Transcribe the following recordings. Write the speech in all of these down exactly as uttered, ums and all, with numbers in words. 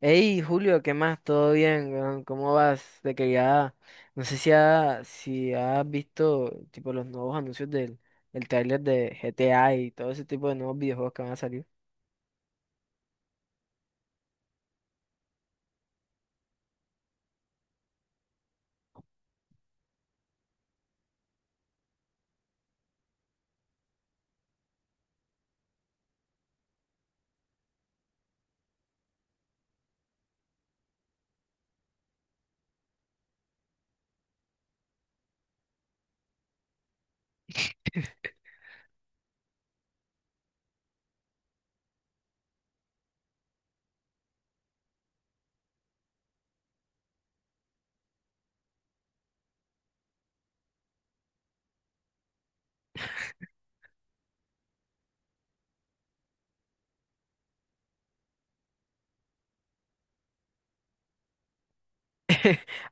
Hey, Julio, ¿qué más? ¿Todo bien, weón? ¿Cómo vas? De que ya, no sé si, ha, si has visto tipo los nuevos anuncios del el tráiler de G T A y todo ese tipo de nuevos videojuegos que van a salir.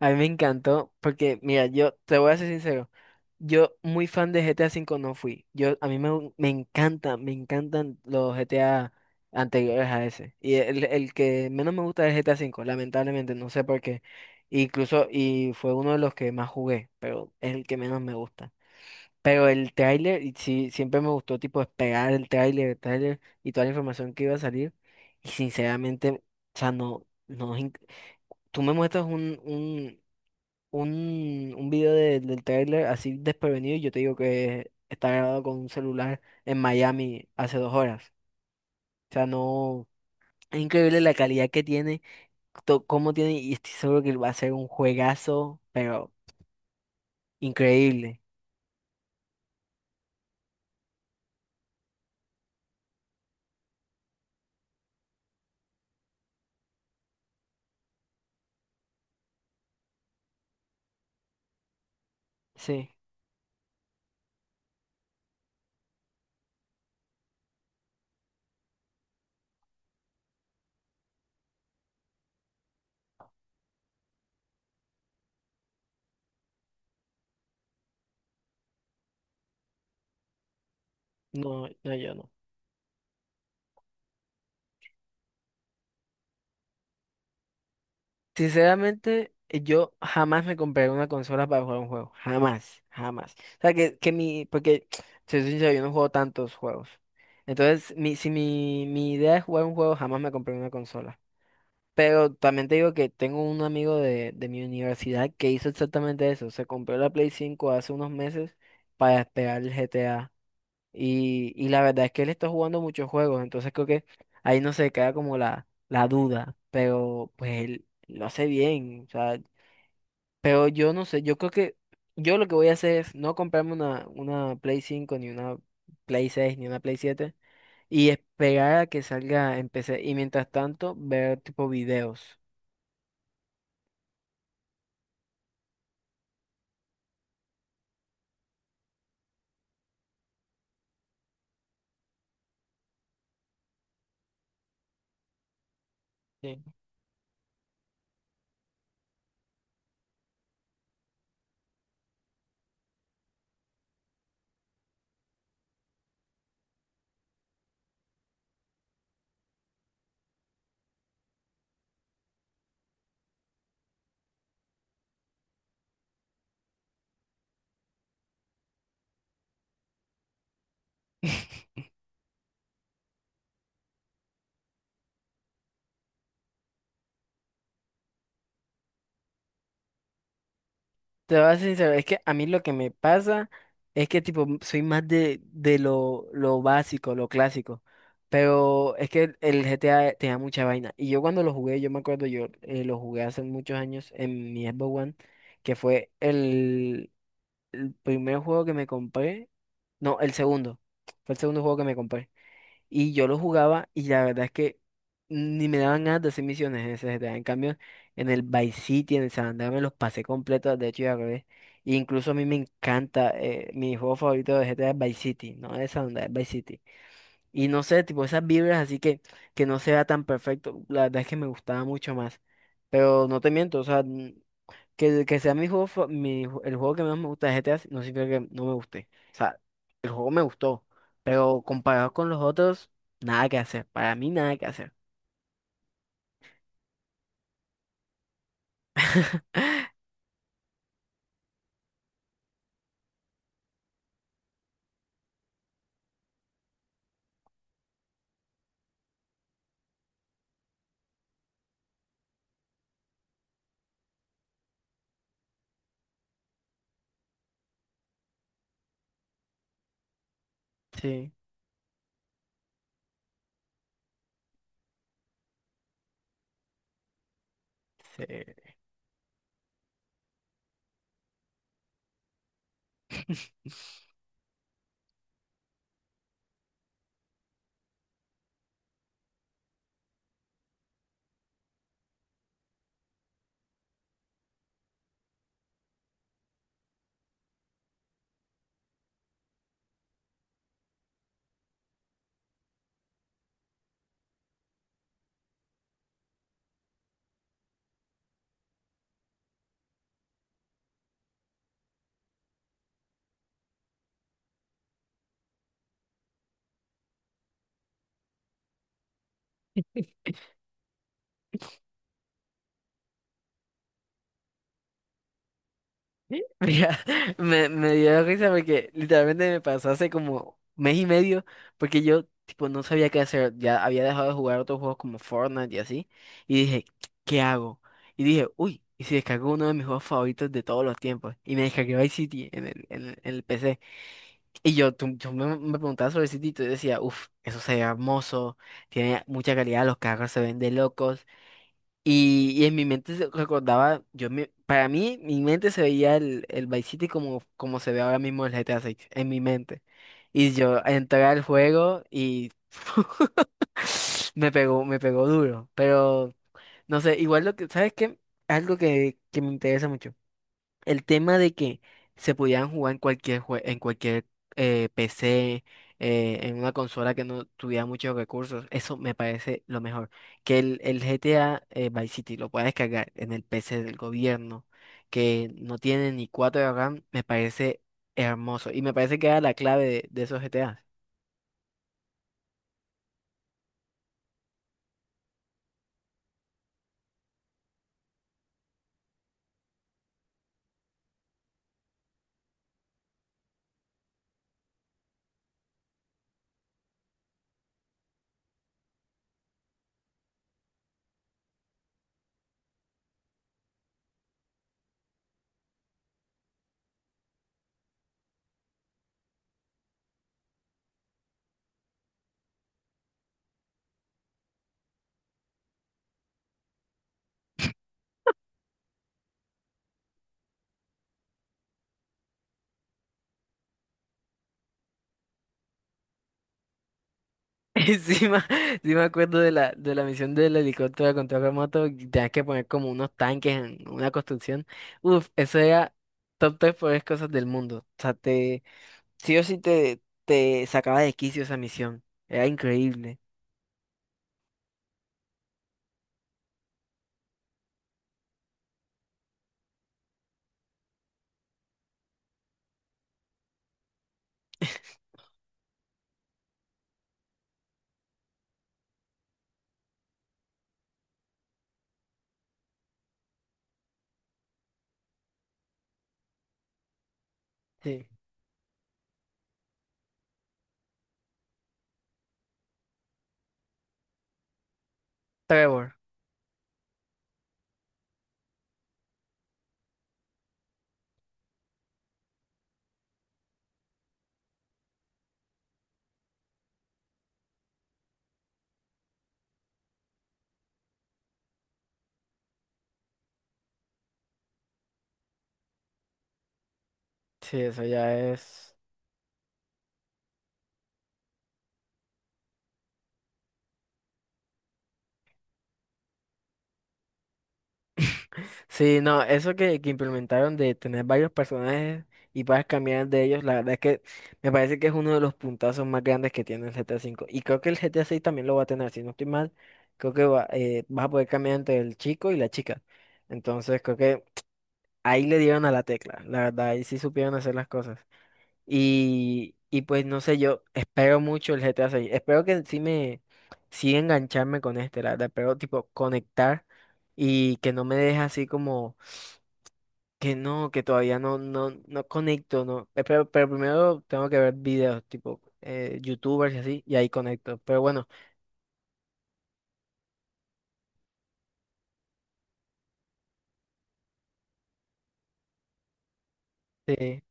A mí me encantó porque, mira, yo te voy a ser sincero, yo muy fan de G T A cinco no fui. Yo, a mí me, gu- me encantan, me encantan los G T A anteriores a ese. Y el, el que menos me gusta es G T A cinco, lamentablemente, no sé por qué. Incluso, y fue uno de los que más jugué, pero es el que menos me gusta. Pero el tráiler, y sí, siempre me gustó tipo esperar el tráiler, el tráiler y toda la información que iba a salir. Y sinceramente, o sea, no, no, es inc- tú me muestras un, un un, un video de- del tráiler así desprevenido y yo te digo que está grabado con un celular en Miami hace dos horas. O sea, no, es increíble la calidad que tiene, to- cómo tiene, y estoy seguro que va a ser un juegazo, pero increíble. Sí, no, no, yo no. Sinceramente, eh, yo jamás me compraré una consola para jugar un juego. Jamás, jamás. O sea, que, que mi, porque, si soy sincero, yo no juego tantos juegos. Entonces, mi, si mi, mi idea es jugar un juego, jamás me compré una consola. Pero también te digo que tengo un amigo de, de mi universidad que hizo exactamente eso. Se compró la Play cinco hace unos meses para esperar el G T A. Y, y la verdad es que él está jugando muchos juegos, entonces creo que ahí no se queda como la, la duda, pero pues él lo hace bien, o sea, pero yo no sé, yo creo que yo lo que voy a hacer es no comprarme una, una Play cinco ni una Play seis ni una Play siete, y esperar a que salga en P C, y mientras tanto ver tipo videos. Sí. Te voy a ser sincero, es que a mí lo que me pasa es que tipo soy más de, de lo, lo básico, lo clásico. Pero es que el G T A te da mucha vaina. Y yo cuando lo jugué, yo me acuerdo, yo eh, lo jugué hace muchos años en mi Xbox One, que fue el, el primer juego que me compré. No, el segundo. Fue el segundo juego que me compré. Y yo lo jugaba, y la verdad es que ni me daban ganas de hacer misiones en ese G T A. En cambio, en el Vice City, en el San Andreas, me los pasé completos de hecho, y al revés. E incluso a mí me encanta, eh, mi juego favorito de G T A es Vice City, no es San Andreas, es Vice City. Y no sé, tipo esas vibras así que, que no se vea tan perfecto, la verdad es que me gustaba mucho más. Pero no te miento, o sea, que, que sea mi juego, fa- mi ju- el juego que más me gusta de G T A no significa que no me guste. O sea, el juego me gustó, pero comparado con los otros, nada que hacer. Para mí, nada que hacer. Sí, sí. Mira, me, me dio risa porque literalmente me pasó hace como mes y medio, porque yo tipo no sabía qué hacer, ya había dejado de jugar otros juegos como Fortnite y así, y dije, ¿qué hago? Y dije, uy, ¿y si descargo uno de mis juegos favoritos de todos los tiempos? Y me descargué Vice City en el, en el, en el P C. Y yo, tú- yo me, me preguntaba sobre el City y yo decía, uff, eso se ve hermoso, tiene mucha calidad, los carros se ven de locos, y, y en mi mente se recordaba, yo me- para mí, mi mente se veía el, el Vice City como, como se ve ahora mismo el G T A seis, en mi mente. Y yo entré al juego y me pegó, me pegó duro. Pero, no sé, igual lo que, ¿sabes qué? Algo que, que me interesa mucho. El tema de que se pudieran jugar en cualquier jue- en cualquier eh, P C, eh, en una consola que no tuviera muchos recursos, eso me parece lo mejor. Que el, el G T A, eh, Vice City, lo pueda descargar en el P C del gobierno, que no tiene ni cuatro de RAM, me parece hermoso. Y me parece que era la clave de, de esos G T A. Sí, me- sí me acuerdo de la, de la misión del helicóptero de control remoto, y tenías que poner como unos tanques en una construcción. Uf, eso era top tres peores cosas del mundo. O sea, te, sí o sí te, te sacaba de quicio esa misión. Era increíble. Sí. Trevor. Sí, eso ya es. Sí, no, eso que, que implementaron de tener varios personajes y puedas cambiar de ellos, la verdad es que me parece que es uno de los puntazos más grandes que tiene el G GTA cinco. Y creo que el G GTA seis también lo va a tener, si no estoy mal, creo que va, eh, vas a poder cambiar entre el chico y la chica. Entonces creo que ahí le dieron a la tecla, la verdad, ahí sí supieron hacer las cosas. Y, y pues no sé, yo espero mucho el G GTA seis. Espero que sí me, sí engancharme con este, la verdad, pero tipo conectar, y que no me deje así como que no, que todavía no, no, no conecto, no. Eh, Pero, pero primero tengo que ver videos, tipo eh, YouTubers y así, y ahí conecto. Pero bueno, sí.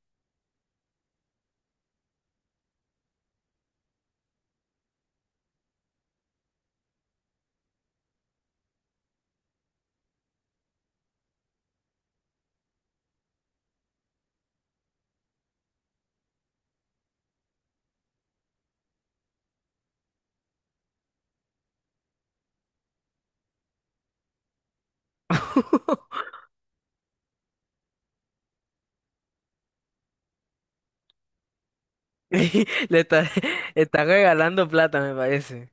Le está, está regalando plata, me parece.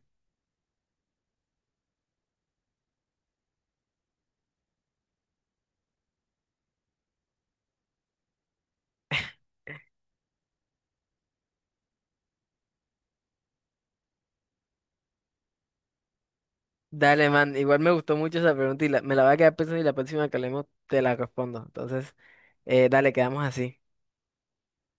Dale, man. Igual me gustó mucho esa pregunta y la- me la voy a quedar pensando, y la próxima que hablemos te la respondo. Entonces, eh, dale, quedamos así.